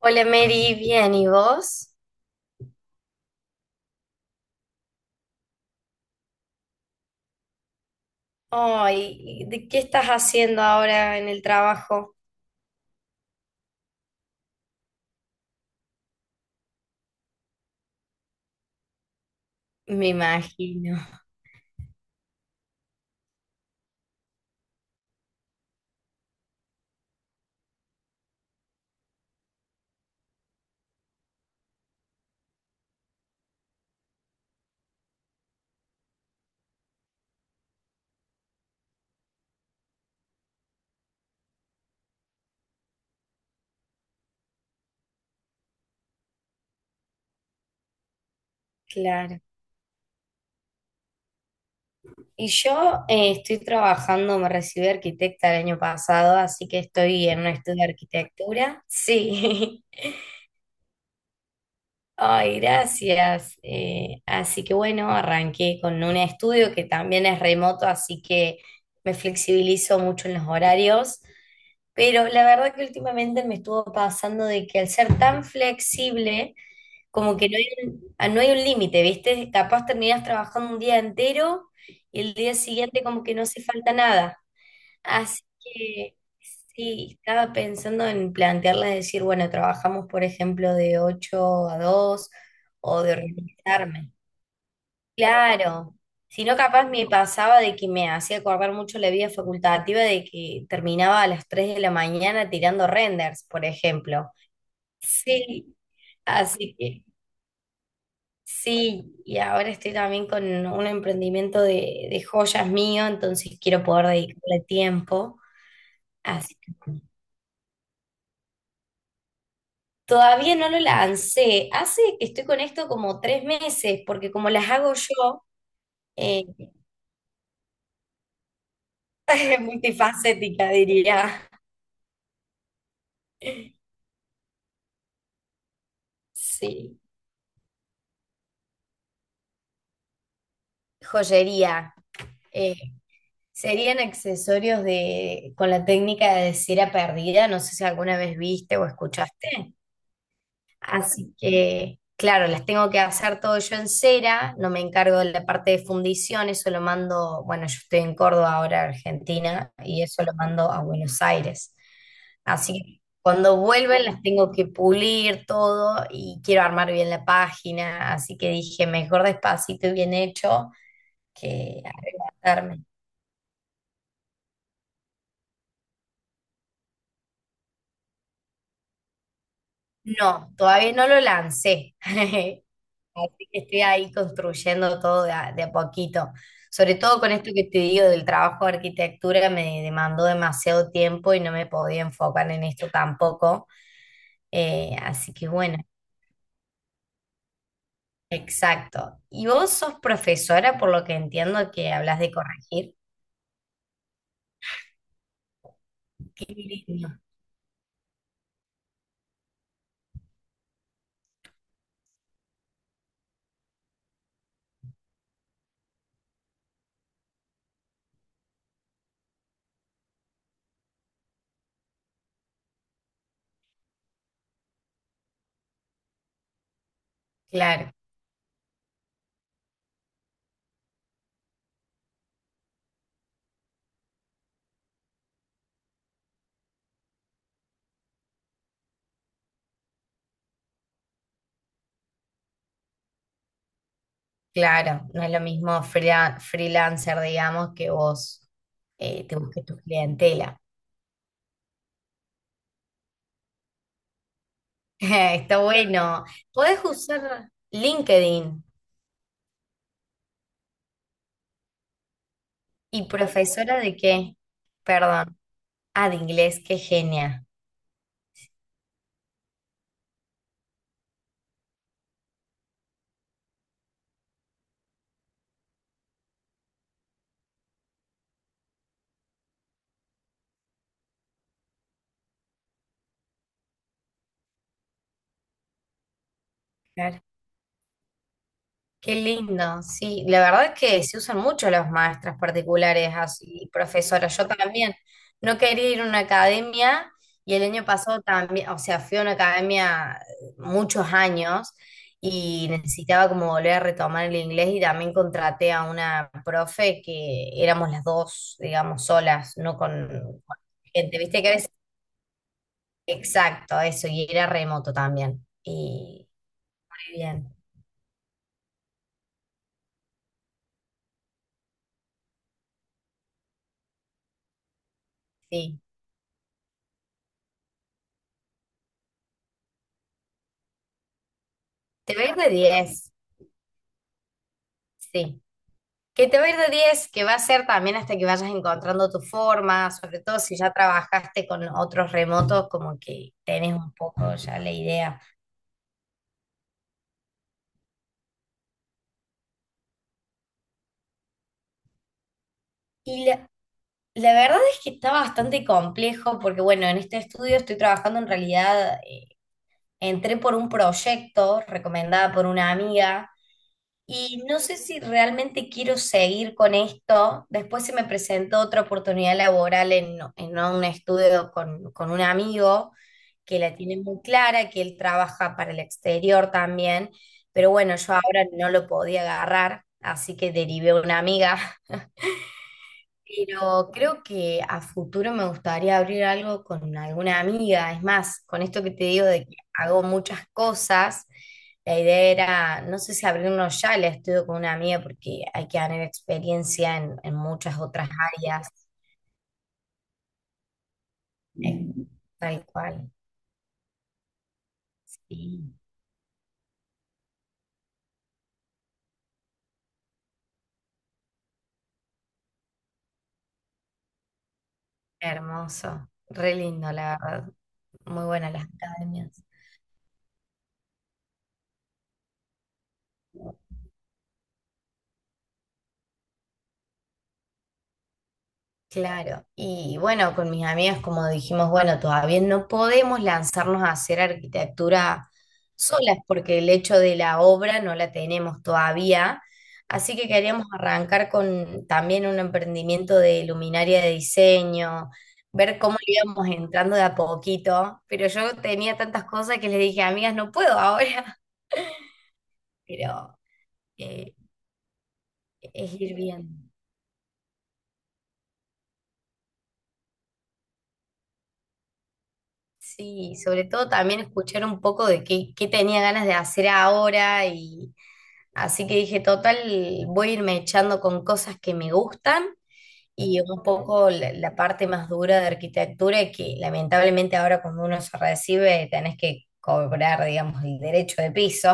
Hola Mary, bien, ¿y vos? Ay, ¿de qué estás haciendo ahora en el trabajo? Me imagino, claro. Y yo estoy trabajando, me recibí de arquitecta el año pasado, así que estoy en un estudio de arquitectura. Sí, Ay, gracias. Así que bueno, arranqué con un estudio que también es remoto, así que me flexibilizo mucho en los horarios. Pero la verdad que últimamente me estuvo pasando de que al ser tan flexible, como que no hay no hay un límite, ¿viste? Capaz terminas trabajando un día entero y el día siguiente como que no hace falta nada. Así que sí, estaba pensando en plantearle decir, bueno, trabajamos por ejemplo de 8 a 2 o de organizarme. Claro, si no capaz me pasaba de que me hacía acordar mucho la vida facultativa de que terminaba a las 3 de la mañana tirando renders, por ejemplo. Sí, así que sí, y ahora estoy también con un emprendimiento de joyas mío, entonces quiero poder dedicarle tiempo. Así que. Todavía no lo lancé. Hace que estoy con esto como 3 meses, porque como las hago yo, eh, multifacética diría. Sí. Joyería. Eh, Serían accesorios de, con la técnica de cera perdida. No sé si alguna vez viste o escuchaste. Así que, claro, las tengo que hacer todo yo en cera, no me encargo de la parte de fundición, eso lo mando, bueno, yo estoy en Córdoba ahora, Argentina, y eso lo mando a Buenos Aires. Así que cuando vuelven las tengo que pulir todo y quiero armar bien la página, así que dije, mejor despacito y bien hecho que arrebatarme. No, todavía no lo lancé. Así que estoy ahí construyendo todo de a poquito. Sobre todo con esto que te digo del trabajo de arquitectura, me demandó demasiado tiempo y no me podía enfocar en esto tampoco. Así que bueno, exacto. Y vos sos profesora, por lo que entiendo que hablas de corregir. Qué lindo. Claro, claro. No es lo mismo freela- freelancer, digamos, que vos te busques tu clientela. Está bueno. Podés usar LinkedIn. ¿Y profesora de qué? Perdón. Ah, de inglés, qué genia. Claro. Qué lindo, sí. La verdad que se usan mucho los maestras particulares así, profesoras. Yo también no quería ir a una academia y el año pasado también, o sea, fui a una academia muchos años y necesitaba como volver a retomar el inglés y también contraté a una profe que éramos las dos, digamos, solas, no con, con gente. Viste que a veces exacto, eso, y era remoto también. Y muy bien, sí. Te va a ir de diez, sí. Que te va a ir de 10, que va a ser también hasta que vayas encontrando tu forma, sobre todo si ya trabajaste con otros remotos, como que tenés un poco ya la idea. Y la verdad es que está bastante complejo, porque bueno, en este estudio estoy trabajando en realidad, entré por un proyecto recomendada por una amiga. Y no sé si realmente quiero seguir con esto. Después se me presentó otra oportunidad laboral en un estudio con un amigo que la tiene muy clara, que él trabaja para el exterior también, pero bueno, yo ahora no lo podía agarrar, así que derivé a una amiga, pero creo que a futuro me gustaría abrir algo con alguna amiga. Es más, con esto que te digo de que hago muchas cosas, la idea era, no sé si abrirlo ya, la estudio con una amiga porque hay que ganar experiencia en muchas otras áreas. eh, Tal cual. Sí. Hermoso. Re lindo, la verdad. Muy buenas las academias. Claro, y bueno, con mis amigas como dijimos, bueno, todavía no podemos lanzarnos a hacer arquitectura solas porque el hecho de la obra no la tenemos todavía, así que queríamos arrancar con también un emprendimiento de luminaria de diseño, ver cómo le íbamos entrando de a poquito, pero yo tenía tantas cosas que les dije, amigas, no puedo ahora, pero eh, es ir viendo. Sí, sobre todo también escuchar un poco de qué tenía ganas de hacer ahora y así que dije, total, voy a irme echando con cosas que me gustan y un poco la parte más dura de arquitectura que lamentablemente ahora cuando uno se recibe tenés que cobrar, digamos, el derecho de piso.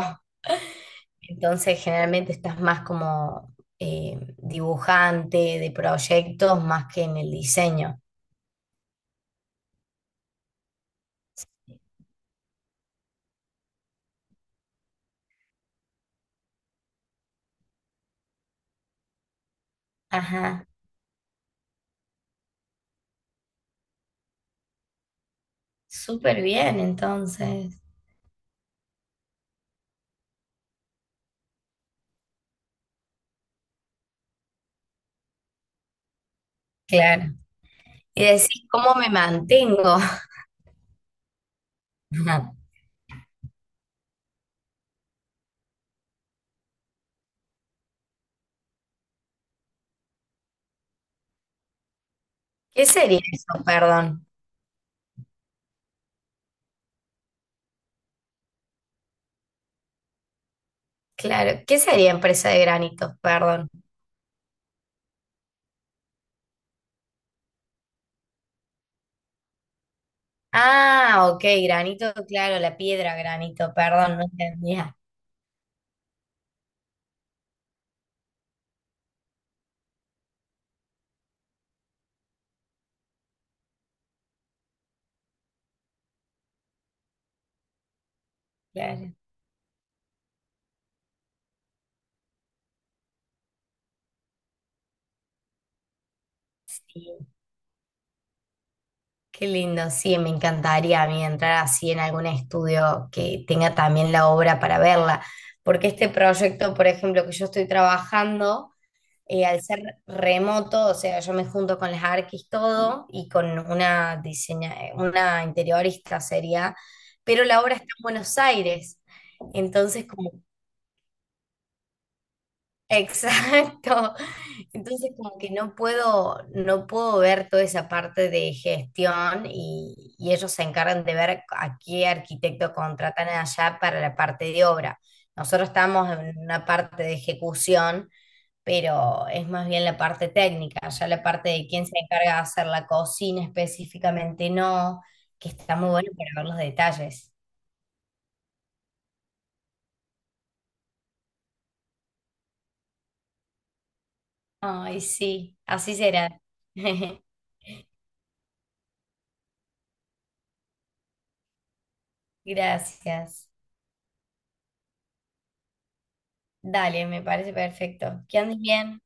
Entonces generalmente estás más como dibujante de proyectos más que en el diseño. Ajá, súper bien entonces. Claro. Y decís, ¿cómo me mantengo? ¿Qué sería eso? Perdón. Claro. ¿Qué sería empresa de granitos? Perdón. Ah, ok, granito, claro, la piedra granito, perdón, no entendía. Claro, sí. Qué lindo, sí, me encantaría a mí entrar así en algún estudio que tenga también la obra para verla. Porque este proyecto, por ejemplo, que yo estoy trabajando. Al ser remoto, o sea, yo me junto con las arquis todo y con una diseña, una interiorista sería, pero la obra está en Buenos Aires. Entonces, como exacto. Entonces como que no puedo, no puedo ver toda esa parte de gestión y ellos se encargan de ver a qué arquitecto contratan allá para la parte de obra. Nosotros estamos en una parte de ejecución, pero es más bien la parte técnica, ya la parte de quién se encarga de hacer la cocina específicamente no, que está muy bueno para ver los detalles. Ay, sí, así será. Gracias. Dale, me parece perfecto. Que andes bien.